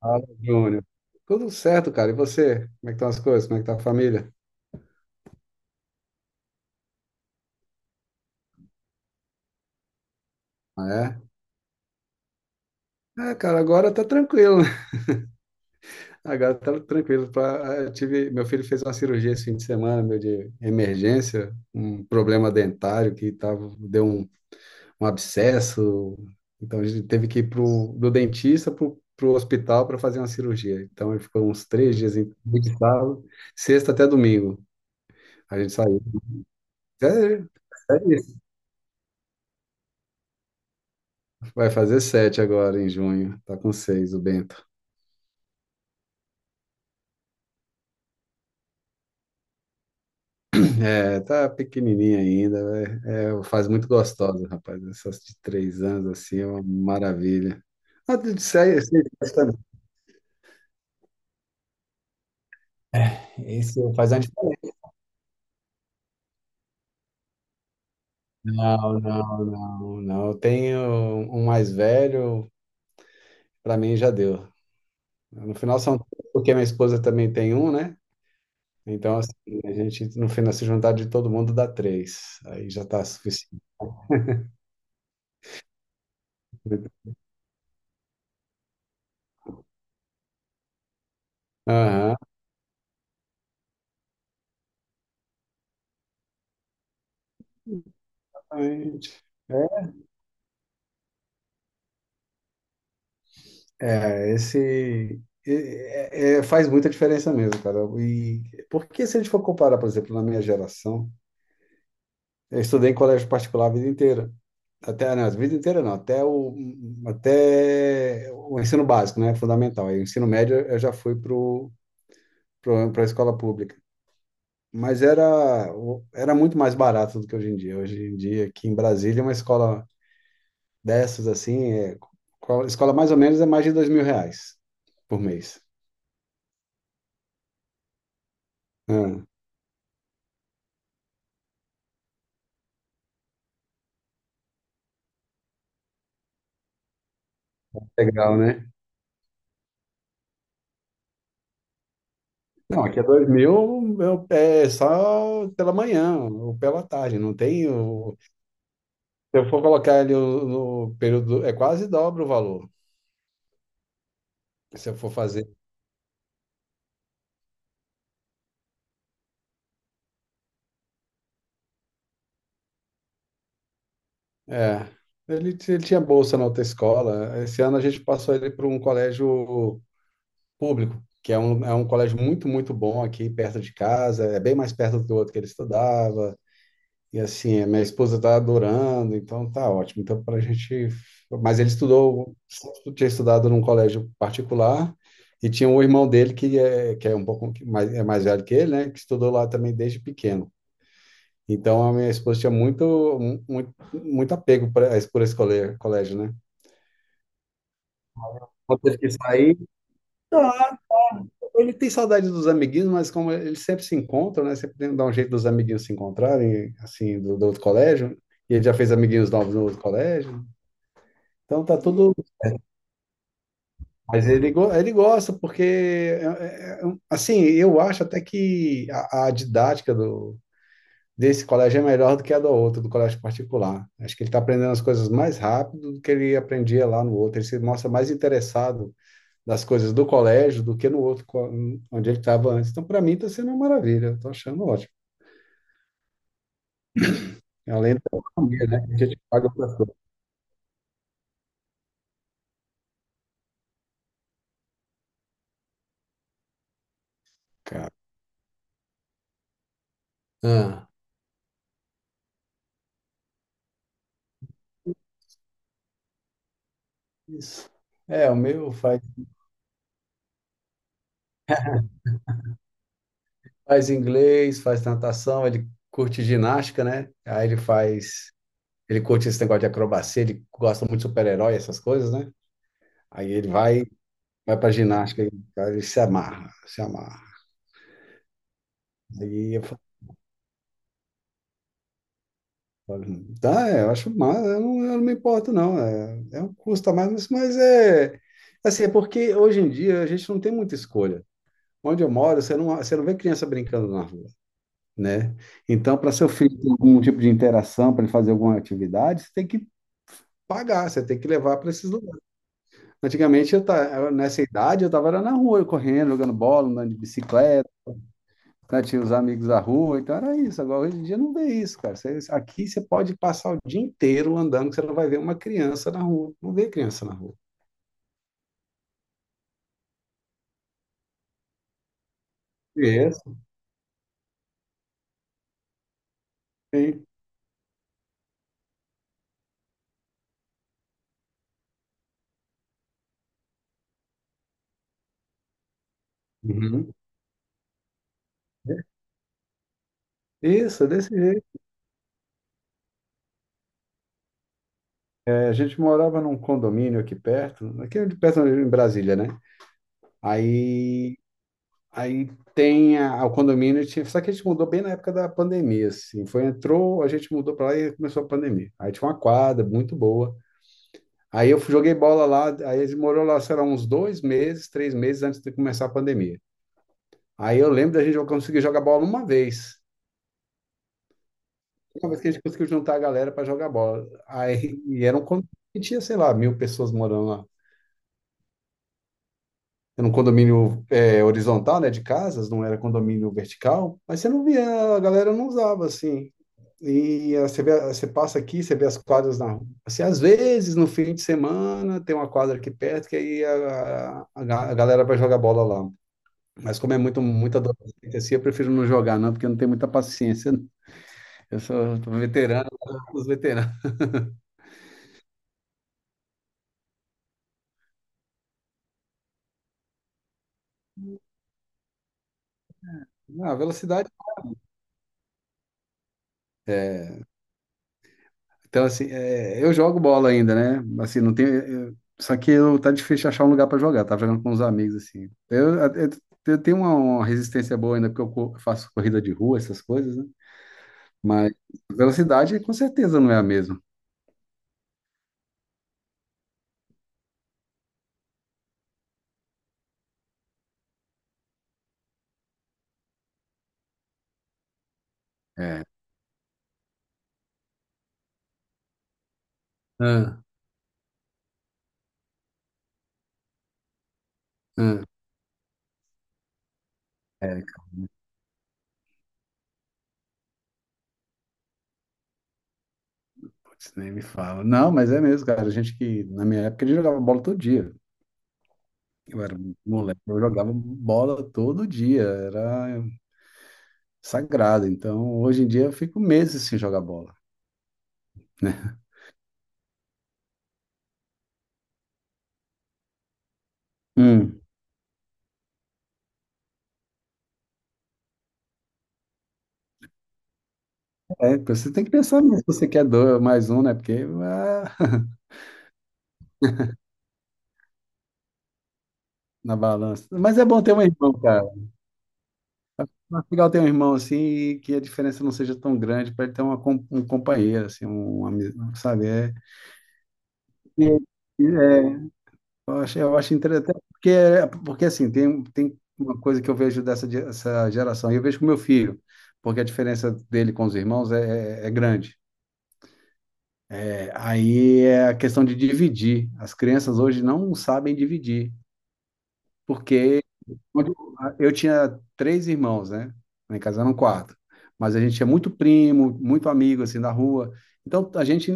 Fala, Júlio. Tudo certo, cara. E você? Como é que estão as coisas? Como é que tá a família? Ah, é? É, cara, agora tá tranquilo, né? Agora tá tranquilo. Pra... eu tive... Meu filho fez uma cirurgia esse fim de semana, meu, de emergência, um problema dentário que tava... deu um, um abscesso. Então a gente teve que ir pro... do dentista pro hospital para fazer uma cirurgia. Então ele ficou uns 3 dias em sábado, sexta até domingo. A gente saiu. É, é vai fazer 7 agora em junho. Tá com seis, o Bento. É, tá pequenininha ainda. É, faz muito gostosa, rapaz. Essas de 3 anos assim é uma maravilha. Ah, de seis, 6 anos também. Isso faz a diferença. Não, não, não, não. Eu tenho um mais velho, para mim já deu. No final são três, porque minha esposa também tem um, né? Então, assim, a gente, no final, se juntar de todo mundo dá três. Aí já tá suficiente. Aham, exatamente. É, esse faz muita diferença mesmo, cara. E porque se a gente for comparar, por exemplo, na minha geração, eu estudei em colégio particular a vida inteira. Até, não, a vida inteira não, até o, até o ensino básico, né? Fundamental. Aí o ensino médio eu já fui para a escola pública. Mas era, era muito mais barato do que hoje em dia. Hoje em dia, aqui em Brasília, uma escola dessas, assim, é, escola mais ou menos é mais de R$ 2.000 por mês. Né? Legal, né? Não, aqui é 2000 é só pela manhã ou pela tarde, não tem o... Se eu for colocar ele no período, é quase dobra o valor, se eu for fazer. É, ele, ele tinha bolsa na outra escola, esse ano a gente passou ele para um colégio público, que é um colégio muito, muito bom aqui perto de casa, é bem mais perto do outro que ele estudava, e assim, a minha esposa tá adorando, então tá ótimo. Então, para a gente. Mas ele estudou, sempre tinha estudado num colégio particular, e tinha um irmão dele que é um pouco mais, é mais velho que ele, né? Que estudou lá também desde pequeno. Então, a minha esposa tinha muito, muito, muito apego pra, por esse colégio, né? Quando teve que sair, ele tem saudade dos amiguinhos, mas como eles sempre se encontram, né? Sempre dá um jeito dos amiguinhos se encontrarem, assim, do, do outro colégio. E ele já fez amiguinhos novos no outro colégio. Então, tá tudo. Mas ele, ele gosta, porque, é assim, eu acho até que a didática do, desse colégio é melhor do que a do outro, do colégio particular. Acho que ele está aprendendo as coisas mais rápido do que ele aprendia lá no outro. Ele se mostra mais interessado nas coisas do colégio do que no outro, onde ele estava antes. Então, para mim, está sendo uma maravilha. Estou achando ótimo. É, além da economia, né? Que a gente paga para tudo, cara. Ah, isso. É, o meu faz. Faz inglês, faz natação, ele curte ginástica, né? Aí ele faz, ele curte esse negócio de acrobacia, ele gosta muito de super-herói, essas coisas, né? Aí ele vai, vai pra ginástica, e ele se amarra, se amarra. Aí eu falo, tá, é, eu acho mais, eu não me importo, não. É, é um custo a mais, mas é, assim, é porque hoje em dia a gente não tem muita escolha. Onde eu moro, você não vê criança brincando na rua, né? Então, para seu filho ter algum tipo de interação, para ele fazer alguma atividade, você tem que pagar, você tem que levar para esses lugares. Antigamente, eu nessa idade, eu estava na rua, correndo, jogando bola, andando de bicicleta, né? Tinha os amigos da rua, então era isso. Agora, hoje em dia, não vê isso, cara. Aqui você pode passar o dia inteiro andando, que você não vai ver uma criança na rua. Não vê criança na rua. Isso, sim. Uhum. Isso, é desse jeito. É, a gente morava num condomínio aqui perto, aqui de perto em Brasília, né? Aí Aí tem a, o condomínio, tinha, só que a gente mudou bem na época da pandemia, assim. Foi, entrou, a gente mudou para lá e começou a pandemia. Aí tinha uma quadra muito boa. Aí joguei bola lá, aí eles morou lá, sei lá, uns 2 meses, 3 meses antes de começar a pandemia. Aí eu lembro da gente conseguir jogar bola uma vez. Uma vez que a gente conseguiu juntar a galera para jogar bola. Aí, e era um condomínio que tinha, sei lá, 1.000 pessoas morando lá. Era um condomínio é, horizontal, né, de casas, não era condomínio vertical, mas você não via, a galera não usava assim. E ah, você vê, você passa aqui, você vê as quadras na rua. Assim, às vezes, no fim de semana, tem uma quadra aqui perto que aí a galera vai jogar bola lá. Mas como é muito, muito adolescente assim, eu prefiro não jogar, não, porque eu não tenho muita paciência. Eu sou veterano, os veteranos. Ah, a velocidade. É, então, assim, é, eu jogo bola ainda, né? Assim, não tem. Só que eu, tá difícil achar um lugar pra jogar. Tava jogando com uns amigos, assim. Eu tenho uma resistência boa ainda, porque eu faço corrida de rua, essas coisas, né? Mas velocidade com certeza não é a mesma. É, ah, ah. É, putz, nem me fala. Não, mas é mesmo, cara. A gente que, na minha época, a gente jogava bola todo dia. Eu era moleque, eu jogava bola todo dia. Era sagrado. Então, hoje em dia, eu fico meses sem jogar bola, né? Hum. É, você tem que pensar nisso, se você quer dois, mais um, né? Porque ah, na balança. Mas é bom ter um irmão, cara. Mas é legal ter um irmão assim e que a diferença não seja tão grande para ele ter uma, um companheiro, assim, um amigo, sabe? É, e- e é, eu acho interessante, até porque, porque assim, tem, tem uma coisa que eu vejo dessa, essa geração, e eu vejo com meu filho, porque a diferença dele com os irmãos é, é grande. É, aí é a questão de dividir. As crianças hoje não sabem dividir, porque quando eu tinha três irmãos, né? Lá em casa eram quatro. Mas a gente tinha muito primo, muito amigo, assim, da rua. Então,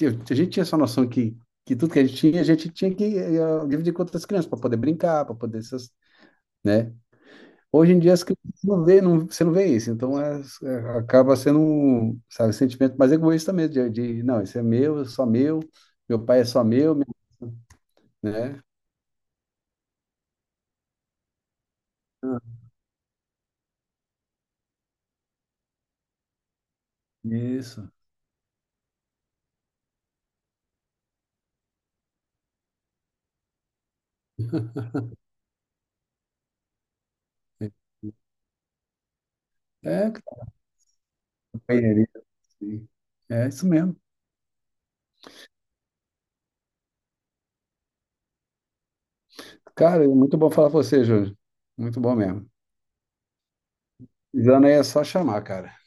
a gente tinha essa noção que tudo que a gente tinha que dividir com outras crianças para poder brincar, para poder essas, né? Hoje em dia, as crianças não vê, não, você não vê isso. Então, acaba sendo, um, sabe, sentimento mais egoísta mesmo, de, não, isso é meu, é só meu, meu pai é só meu, né? Isso. É, cara, companheirismo, sim. É isso mesmo. Cara, é muito bom falar com você, Júlio. Muito bom mesmo. Precisando aí é só chamar, cara.